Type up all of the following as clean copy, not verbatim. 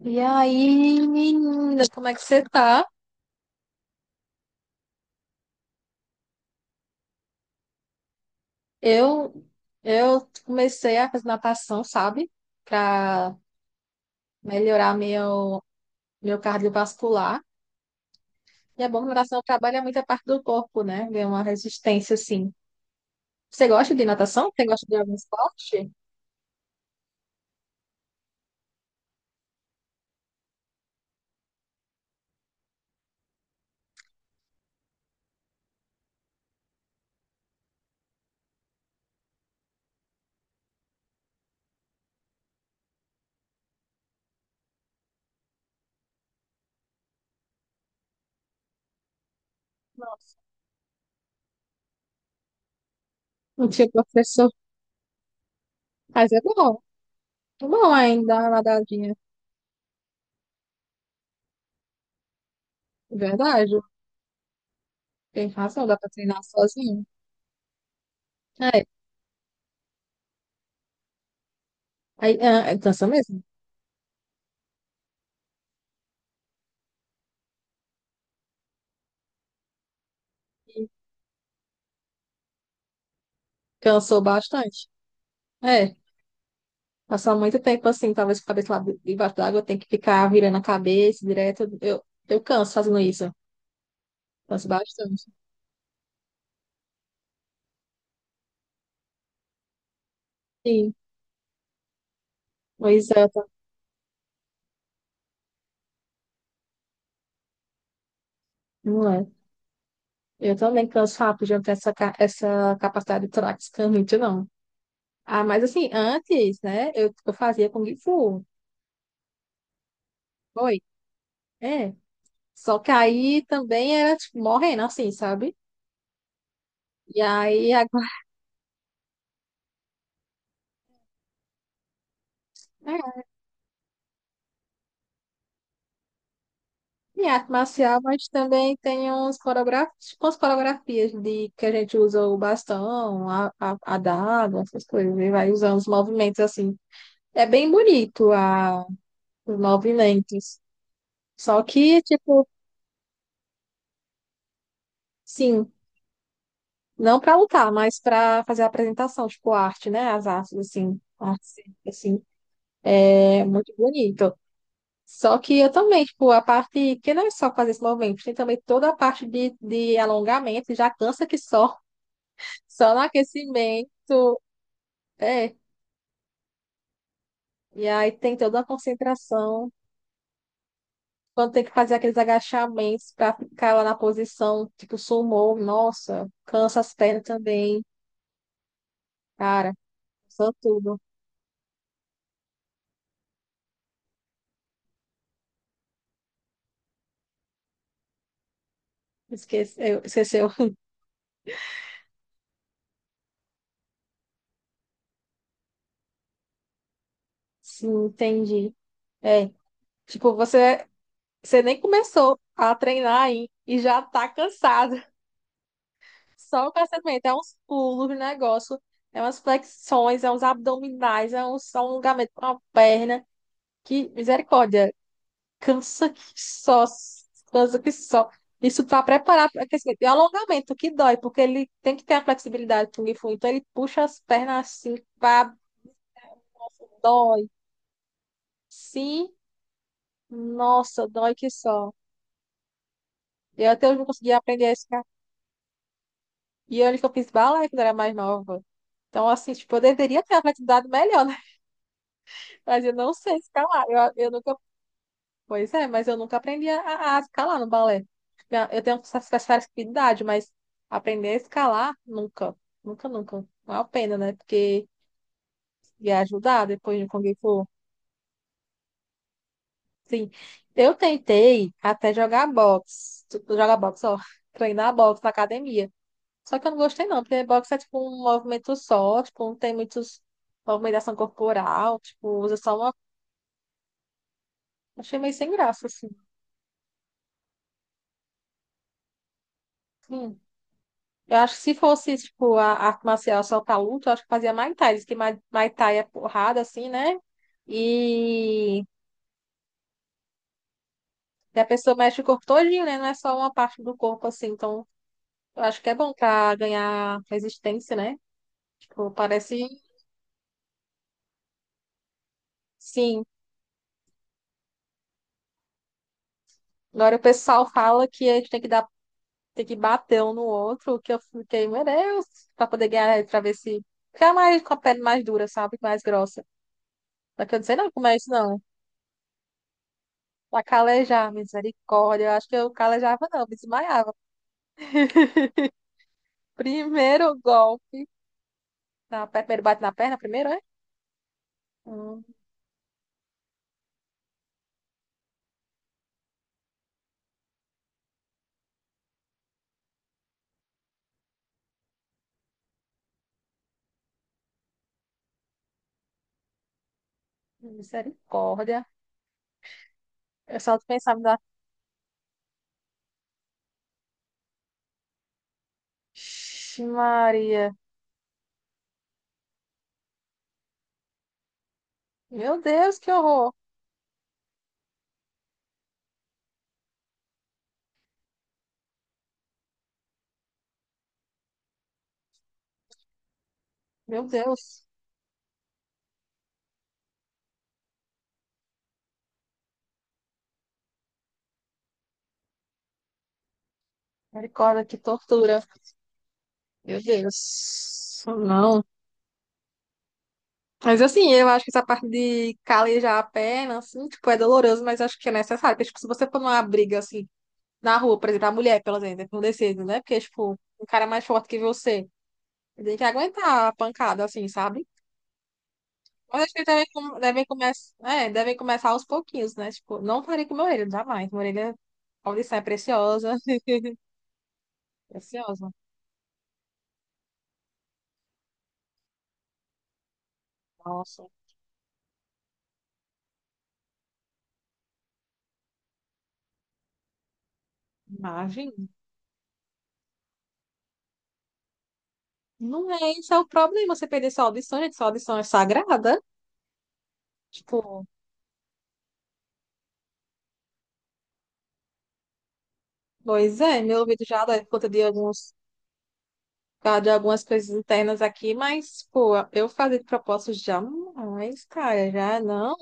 E aí, menina, como é que você tá? Eu, eu comecei a fazer natação, sabe? Pra melhorar meu cardiovascular. E é bom que natação trabalha muita parte do corpo, né? Vê uma resistência, assim. Você gosta de natação? Você gosta de algum esporte? Não tinha professor. Mas é bom. É bom ainda, dar uma nadadinha. É verdade. Tem razão, dá pra treinar sozinho. É. Aí, ah, cansa mesmo. Cansou bastante. É. Passar muito tempo assim, talvez com a cabeça lá debaixo d'água, tem que ficar virando a cabeça direto. Eu canso fazendo isso. Canso bastante. Sim, pois é, não é. Eu também canso rápido, já não tenho essa, essa capacidade de prática muito, não. Ah, mas assim, antes, né, eu fazia Kung Fu. Foi. É. Só que aí também era, tipo, morrendo assim, sabe? E aí agora. Em arte marcial, mas também tem uns coreografias, umas coreografias de que a gente usa o bastão, a daga, essas coisas, e vai usando os movimentos assim. É bem bonito a, os movimentos. Só que, tipo, sim, não para lutar, mas para fazer a apresentação, tipo, arte, né? As artes, assim, é muito bonito. Só que eu também, tipo, a parte que não é só fazer esse movimento, tem também toda a parte de alongamento, já cansa que só. Só no aquecimento. É. E aí tem toda a concentração. Quando tem que fazer aqueles agachamentos pra ficar lá na posição, tipo, sumô, nossa, cansa as pernas também. Cara, cansa tudo. Esqueceu, esqueceu. Sim, entendi. É. Tipo, você nem começou a treinar aí e já tá cansado. Só o cansamento, é uns pulos, um negócio, é umas flexões, é uns abdominais, é um só um alongamento com a perna. Que misericórdia. Cansa que só, cansa que só. Isso para preparar para aquecimento. E alongamento, que dói, porque ele tem que ter a flexibilidade do Kung Fu. Então ele puxa as pernas assim, pá, nossa, dói. Sim, nossa, dói que só. Eu até hoje não consegui aprender a escalar. E olha que eu fiz balé quando era mais nova. Então, assim, tipo, eu deveria ter a flexibilidade melhor, né? Mas eu não sei escalar. Eu nunca pois é, mas eu nunca aprendi a escalar no balé. Eu tenho essa essa facilidade, mas aprender a escalar, nunca. Nunca, nunca. Não é uma pena, né? Porque ia ajudar depois de Kung Fu. Sim. Eu tentei até jogar boxe. Tu- tu Jogar boxe, ó. Treinar boxe na academia. Só que eu não gostei, não. Porque boxe é tipo um movimento só. Tipo, não tem muitos movimentação corporal. Tipo, usa só uma... Achei meio sem graça, assim. Hum. Eu acho que se fosse, tipo, a arte marcial só pra luta, eu acho que fazia Muay Thai. Diz que Muay Thai é porrada, assim, né? E a pessoa mexe o corpo todinho, né? Não é só uma parte do corpo, assim. Então, eu acho que é bom pra ganhar resistência, né? Tipo, parece sim. Agora o pessoal fala que a gente tem que dar, tem que bater um no outro, que eu fiquei, meu Deus, pra poder ganhar, pra ver se ficar mais com a pele mais dura, sabe? Mais grossa. Mas que eu não sei não como é isso, não. Pra calejar, misericórdia. Eu acho que eu calejava, não, me desmaiava. Primeiro golpe. Na, primeiro bate na perna, primeiro, é? Hum, misericórdia. Eu só pensava na. Ixi, Maria. Meu Deus, que horror. Meu Deus. Misericórdia, que tortura. Meu Deus. Não. Mas assim, eu acho que essa parte de calejar a perna, assim, tipo, é doloroso, mas acho que é necessário. Porque, tipo, se você for numa briga, assim, na rua, por exemplo, a mulher, pelo exemplo, não decide, né? Porque, tipo, um cara mais forte que você. Tem que aguentar a pancada, assim, sabe? Mas acho que também devem começar, é, devem começar aos pouquinhos, né? Tipo, não parei com meu orelha, jamais. Minha orelha, a audição é preciosa. Preciosa. Nossa, imagem. Não é, esse é o problema, você perder sua audição, gente. Sua audição é sagrada. Tipo, pois é, meu ouvido já dói por conta de alguns, por causa de algumas coisas internas aqui, mas, pô, eu fazer de propósito jamais, cara, já não.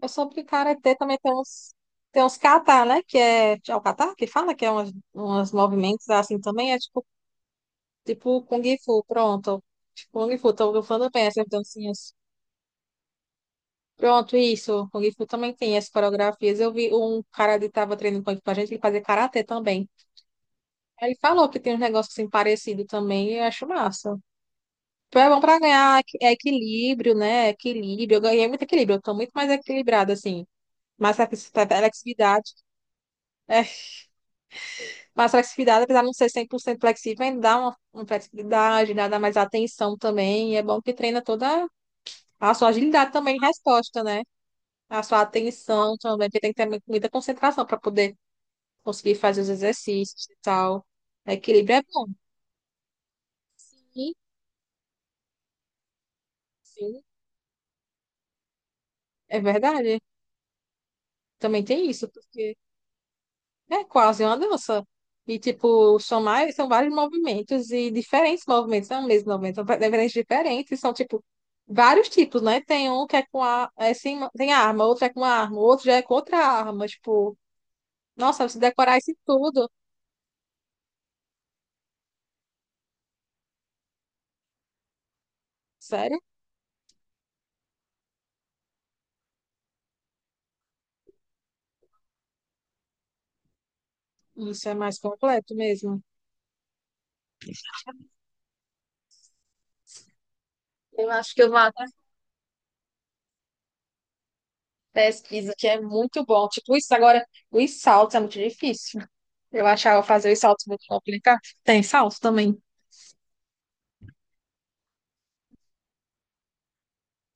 Eu soube que Karatê também tem uns kata, né? Que é o kata que fala que é umas, umas movimentos assim também. É tipo, tipo Kung Fu, pronto. Tipo, Kung Fu, tô falando bem essas dancinhas. Pronto, isso. Kung Fu também tem as coreografias. Eu vi um cara que tava treinando com a gente, ele fazia Karatê também. Aí ele falou que tem uns negócios assim parecidos também e eu acho massa. Tipo, é bom pra ganhar é equilíbrio, né? Equilíbrio. Eu ganhei muito equilíbrio. Eu tô muito mais equilibrada, assim. Mais flexibilidade. Mas flexibilidade, apesar de não ser 100% flexível, ainda dá uma flexibilidade, dá mais atenção também. E é bom que treina toda a sua agilidade também em resposta, né? A sua atenção também, porque tem que ter muita concentração para poder conseguir fazer os exercícios e tal. Equilíbrio é bom. Sim, sim, é verdade. Também tem isso, porque é quase uma dança. E, tipo, são mais, são vários movimentos e diferentes movimentos, não é o mesmo movimento, são diferentes, diferentes, são, tipo, vários tipos, né? Tem um que é com a, é sem, tem arma, outro é com arma, outro já é com outra arma, tipo, nossa, se decorar isso tudo, sério? Isso é mais completo mesmo. Eu acho que eu vou até pesquisa, que é muito bom. Tipo, isso agora, os saltos é muito difícil. Eu achava fazer os saltos muito complicado. Tem salto também.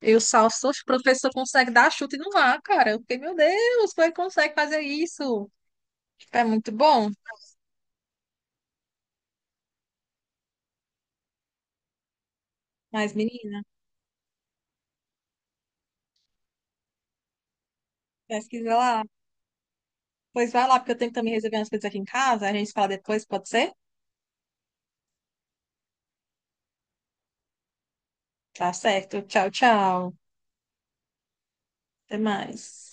E o Salso, o professor consegue dar chute no ar, cara. Eu fiquei, meu Deus, como ele consegue fazer isso? Tipo, é muito bom. Mas, menina, pesquisa lá. Pois vai lá, porque eu tenho que também resolver umas coisas aqui em casa. A gente fala depois, pode ser? Tá certo. Tchau, tchau. Até mais.